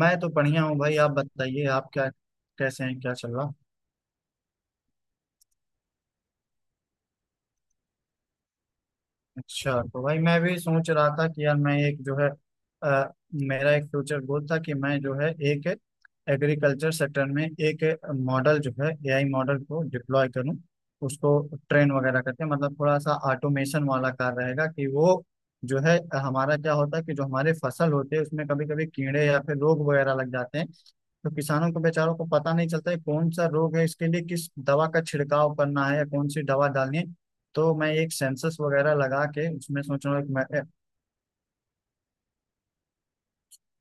मैं तो बढ़िया हूँ भाई, आप बताइए आप क्या कैसे हैं, क्या चल रहा। अच्छा, तो भाई मैं भी सोच रहा था कि यार मैं एक जो है, अ, मेरा एक फ्यूचर गोल था कि मैं जो है एक एग्रीकल्चर सेक्टर में एक मॉडल जो है, एआई मॉडल को डिप्लॉय करूं उसको, ट्रेन वगैरह करके। मतलब थोड़ा सा ऑटोमेशन वाला कार्य रहेगा कि वो जो है, हमारा क्या होता है कि जो हमारे फसल होते हैं उसमें कभी कभी कीड़े या फिर रोग वगैरह लग जाते हैं। तो किसानों को बेचारों को पता नहीं चलता है कौन सा रोग है, इसके लिए किस दवा का छिड़काव करना है या कौन सी दवा डालनी है। तो मैं एक सेंसस वगैरह लगा के उसमें सोच रहा हूँ।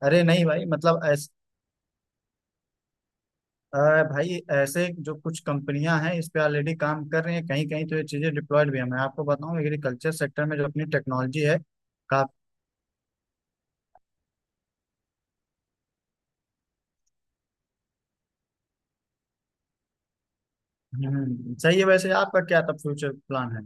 अरे नहीं भाई, मतलब अ, भाई ऐसे जो कुछ कंपनियां हैं इस पे ऑलरेडी काम कर रही हैं, कहीं कहीं तो ये चीजें डिप्लॉयड भी है। मैं आपको बताऊं, एग्रीकल्चर सेक्टर में जो अपनी टेक्नोलॉजी है का। सही है। वैसे आपका क्या तब फ्यूचर प्लान है।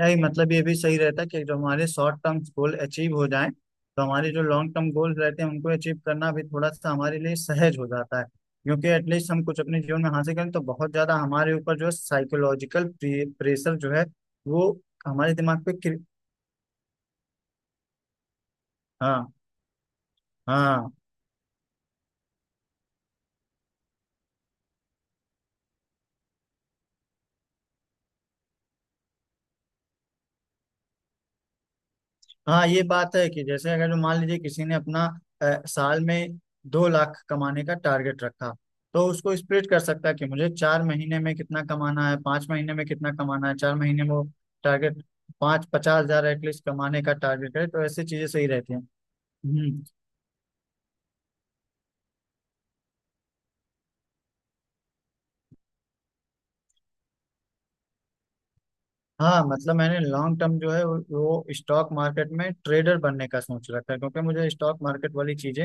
नहीं, मतलब ये भी सही रहता कि जो हमारे शॉर्ट टर्म गोल अचीव हो जाएं तो हमारे जो लॉन्ग टर्म गोल्स रहते हैं उनको अचीव करना भी थोड़ा सा हमारे लिए सहज हो जाता है। क्योंकि एटलीस्ट हम कुछ अपने जीवन में हासिल करें तो बहुत ज्यादा हमारे ऊपर जो साइकोलॉजिकल प्रेशर जो है वो हमारे दिमाग पे। हाँ हाँ। हाँ, ये बात है कि जैसे अगर जो मान लीजिए किसी ने अपना साल में 2 लाख कमाने का टारगेट रखा, तो उसको स्प्लिट कर सकता है कि मुझे 4 महीने में कितना कमाना है, 5 महीने में कितना कमाना है, 4 महीने में वो टारगेट पाँच 50 हजार एटलीस्ट कमाने का टारगेट है। तो ऐसी चीजें सही रहती हैं। हम्म। हाँ, मतलब मैंने लॉन्ग टर्म जो है वो स्टॉक मार्केट में ट्रेडर बनने का सोच रखा है, क्योंकि मुझे स्टॉक मार्केट वाली चीजें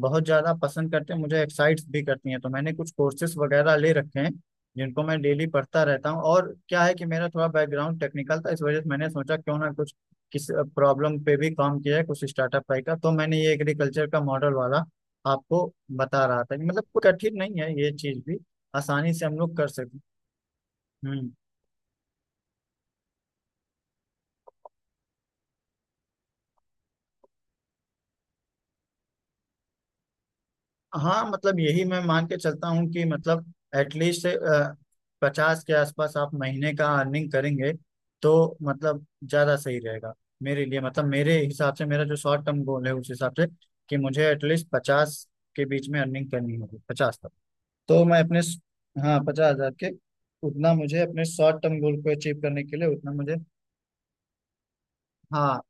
बहुत ज्यादा पसंद करते हैं, मुझे एक्साइट भी करती हैं। तो मैंने कुछ कोर्सेज वगैरह ले रखे हैं जिनको मैं डेली पढ़ता रहता हूँ। और क्या है कि मेरा थोड़ा बैकग्राउंड टेक्निकल था, इस वजह से मैंने सोचा क्यों ना कुछ किस प्रॉब्लम पे भी काम किया है, कुछ स्टार्टअप टाइप का। तो मैंने ये एग्रीकल्चर का मॉडल वाला आपको बता रहा था कि मतलब कोई कठिन नहीं है ये चीज भी, आसानी से हम लोग कर सकते हैं। हम्म। हाँ, मतलब यही मैं मान के चलता हूँ कि मतलब एटलीस्ट 50 के आसपास आप महीने का अर्निंग करेंगे, तो मतलब ज़्यादा सही रहेगा मेरे लिए। मतलब मेरे हिसाब से मेरा जो शॉर्ट टर्म गोल है उस हिसाब से कि मुझे एटलीस्ट 50 के बीच में अर्निंग करनी होगी, 50 तक। तो मैं अपने, हाँ, 50 हजार के, उतना मुझे अपने शॉर्ट टर्म गोल को अचीव करने के लिए उतना मुझे। हाँ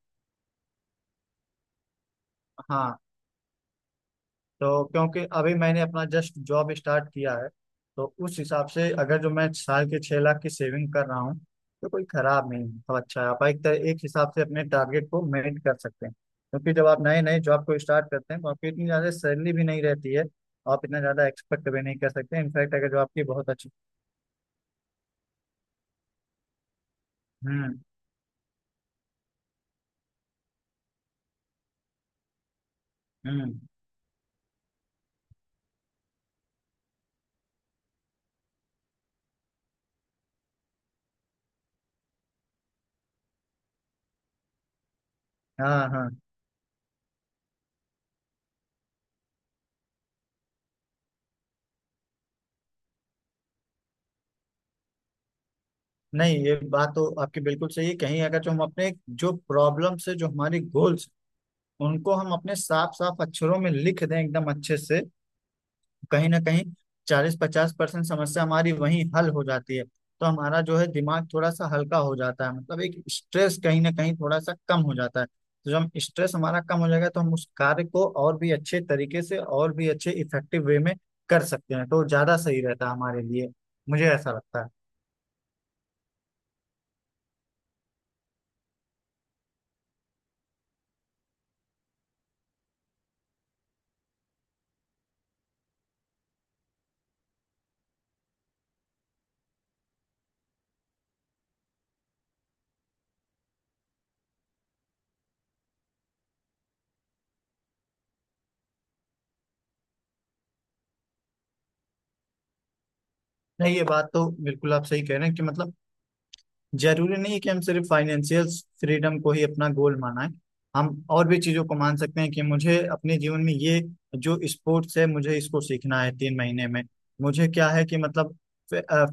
हाँ। तो क्योंकि अभी मैंने अपना जस्ट जॉब स्टार्ट किया है, तो उस हिसाब से अगर जो मैं साल के 6 लाख की सेविंग कर रहा हूँ तो कोई खराब नहीं है। तो अच्छा है, आप एक तरह एक हिसाब से अपने टारगेट को मेट कर सकते हैं, क्योंकि जब आप नए नए जॉब को स्टार्ट करते हैं तो आपकी इतनी ज़्यादा सैलरी भी नहीं रहती है। आप इतना ज़्यादा एक्सपेक्ट भी नहीं कर सकते। इनफैक्ट अगर जो आपकी बहुत अच्छी। हम्म हम्म। हाँ हाँ। नहीं, ये बात तो आपकी बिल्कुल सही है, कहीं अगर जो हम अपने जो प्रॉब्लम से जो हमारी गोल उनको हम अपने साफ साफ अक्षरों में लिख दें एकदम अच्छे से, कहीं ना कहीं 40-50% समस्या हमारी वहीं हल हो जाती है। तो हमारा जो है दिमाग थोड़ा सा हल्का हो जाता है, मतलब एक स्ट्रेस कहीं ना कहीं थोड़ा सा कम हो जाता है। तो जब स्ट्रेस हमारा कम हो जाएगा तो हम उस कार्य को और भी अच्छे तरीके से और भी अच्छे इफेक्टिव वे में कर सकते हैं। तो ज्यादा सही रहता है हमारे लिए, मुझे ऐसा लगता है। नहीं, ये बात तो बिल्कुल आप सही कह रहे हैं कि मतलब जरूरी नहीं है कि हम सिर्फ फाइनेंशियल फ्रीडम को ही अपना गोल माना है। हम और भी चीजों को मान सकते हैं कि मुझे अपने जीवन में ये जो स्पोर्ट्स है मुझे इसको सीखना है 3 महीने में। मुझे क्या है कि मतलब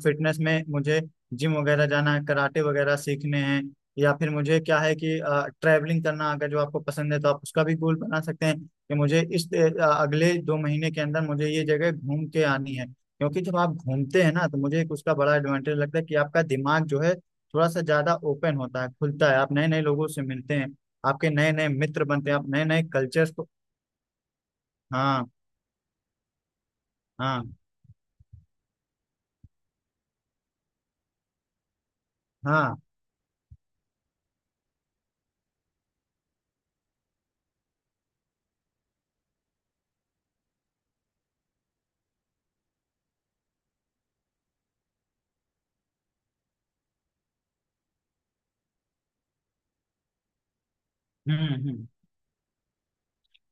फिटनेस में मुझे जिम वगैरह जाना है, कराटे वगैरह सीखने हैं। या फिर मुझे क्या है कि ट्रैवलिंग करना अगर जो आपको पसंद है तो आप उसका भी गोल बना सकते हैं कि मुझे इस अगले 2 महीने के अंदर मुझे ये जगह घूम के आनी है। क्योंकि जब आप घूमते हैं ना तो मुझे एक उसका बड़ा एडवांटेज लगता है कि आपका दिमाग जो है थोड़ा सा ज्यादा ओपन होता है, खुलता है। आप नए नए लोगों से मिलते हैं, आपके नए नए मित्र बनते हैं, आप नए नए कल्चर्स को। हाँ। हाँ। हाँ हम्म।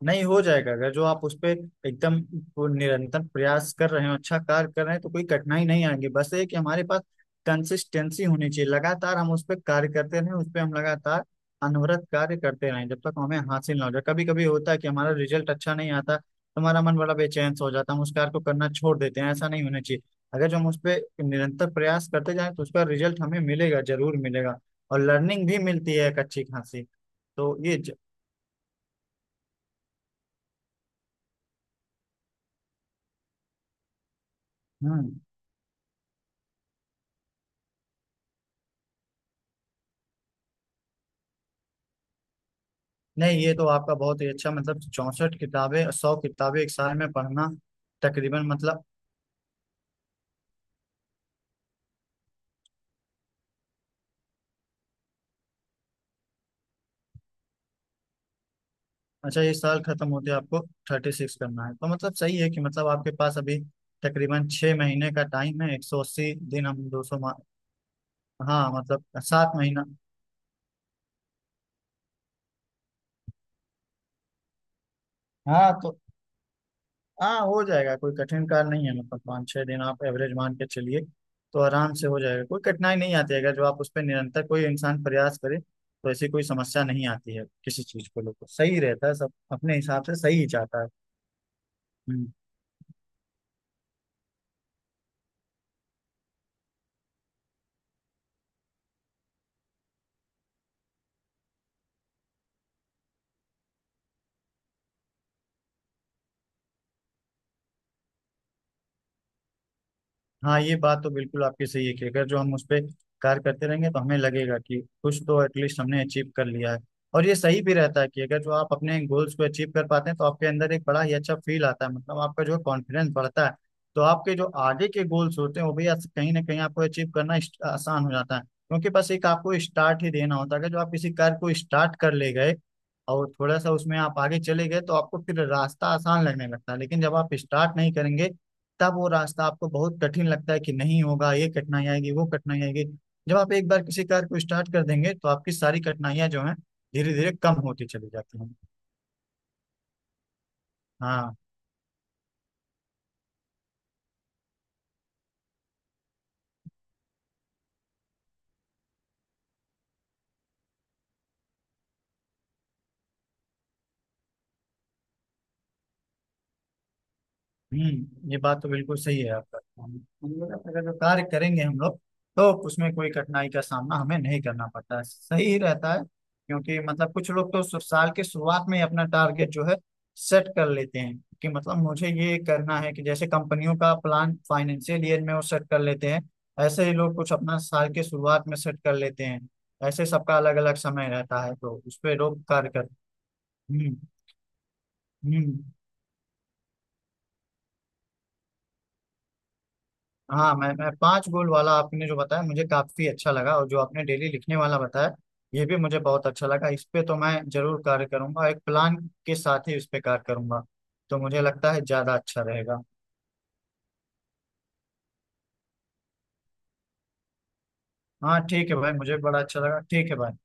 नहीं हो जाएगा अगर जो आप उस पे एकदम वो निरंतर प्रयास कर रहे हो, अच्छा कार्य कर रहे हैं तो कोई कठिनाई नहीं आएगी। बस ये कि हमारे पास कंसिस्टेंसी होनी चाहिए, लगातार हम उस पर कार्य करते रहें, उस पर हम लगातार अनवरत कार्य करते रहें जब तक हमें हासिल ना हो जाए। कभी कभी होता है कि हमारा रिजल्ट अच्छा नहीं आता तो हमारा मन बड़ा बेचैन सा हो जाता है, हम उस कार्य को करना छोड़ देते हैं, ऐसा नहीं होना चाहिए। अगर जो हम उस पर निरंतर प्रयास करते जाएं तो उसका रिजल्ट हमें मिलेगा, जरूर मिलेगा। और लर्निंग भी मिलती है एक अच्छी खासी। तो हम्म। नहीं, ये तो आपका बहुत ही अच्छा, मतलब 64 किताबें, 100 किताबें एक साल में पढ़ना तकरीबन, मतलब। अच्छा, ये साल खत्म होते आपको 36 करना है? तो मतलब सही है कि मतलब आपके पास अभी तकरीबन 6 महीने का टाइम है, 180 दिन, हम 200। हाँ मतलब 7 महीना। हाँ। तो हाँ, हो जाएगा, कोई कठिन कार्य नहीं है, मतलब 5-6 दिन आप एवरेज मान के चलिए, तो आराम से हो जाएगा, कोई कठिनाई नहीं आती है। अगर जो आप उस पर निरंतर कोई इंसान प्रयास करे तो ऐसी कोई समस्या नहीं आती है किसी चीज को लेकर, सही रहता है सब अपने हिसाब से सही ही जाता है। हम्म। हाँ, ये बात तो बिल्कुल आपकी सही है कि अगर जो हम उस पर कार्य करते रहेंगे तो हमें लगेगा कि कुछ तो एटलीस्ट हमने अचीव कर लिया है। और ये सही भी रहता है कि अगर जो आप अपने गोल्स को अचीव कर पाते हैं तो आपके अंदर एक बड़ा ही अच्छा फील आता है, मतलब आपका जो कॉन्फिडेंस बढ़ता है। तो आपके जो आगे के गोल्स होते हैं वो भी कहीं ना कहीं आपको अचीव करना आसान हो जाता है, क्योंकि बस एक आपको स्टार्ट ही देना होता है। अगर जो आप किसी कार्य को स्टार्ट कर ले गए और थोड़ा सा उसमें आप आगे चले गए तो आपको फिर रास्ता आसान लगने लगता है। लेकिन जब आप स्टार्ट नहीं करेंगे तब वो रास्ता आपको बहुत कठिन लगता है कि नहीं होगा, ये कठिनाई आएगी, वो कठिनाई आएगी। जब आप एक बार किसी कार्य को स्टार्ट कर देंगे तो आपकी सारी कठिनाइयां जो हैं धीरे धीरे कम होती चली जाती हैं। हाँ। हम्म, ये बात तो बिल्कुल सही है आपका। हम लोग अगर जो कार्य करेंगे हम लोग, तो उसमें कोई कठिनाई का सामना हमें नहीं करना पड़ता है, सही रहता है। क्योंकि मतलब कुछ लोग तो साल के शुरुआत में ही अपना टारगेट जो है सेट कर लेते हैं कि मतलब मुझे ये करना है, कि जैसे कंपनियों का प्लान फाइनेंशियल ईयर में वो सेट कर लेते हैं। ऐसे ही लोग कुछ अपना साल के शुरुआत में सेट कर लेते हैं। ऐसे सबका अलग अलग समय रहता है तो उस पर लोग कार्य कर। हम्म हम्म। हाँ, मैं पांच गोल वाला आपने जो बताया मुझे काफी अच्छा लगा। और जो आपने डेली लिखने वाला बताया ये भी मुझे बहुत अच्छा लगा। इस पे तो मैं जरूर कार्य करूंगा, एक प्लान के साथ ही इस पे कार्य करूंगा, तो मुझे लगता है ज्यादा अच्छा रहेगा। हाँ ठीक है भाई, मुझे बड़ा अच्छा लगा। ठीक है भाई।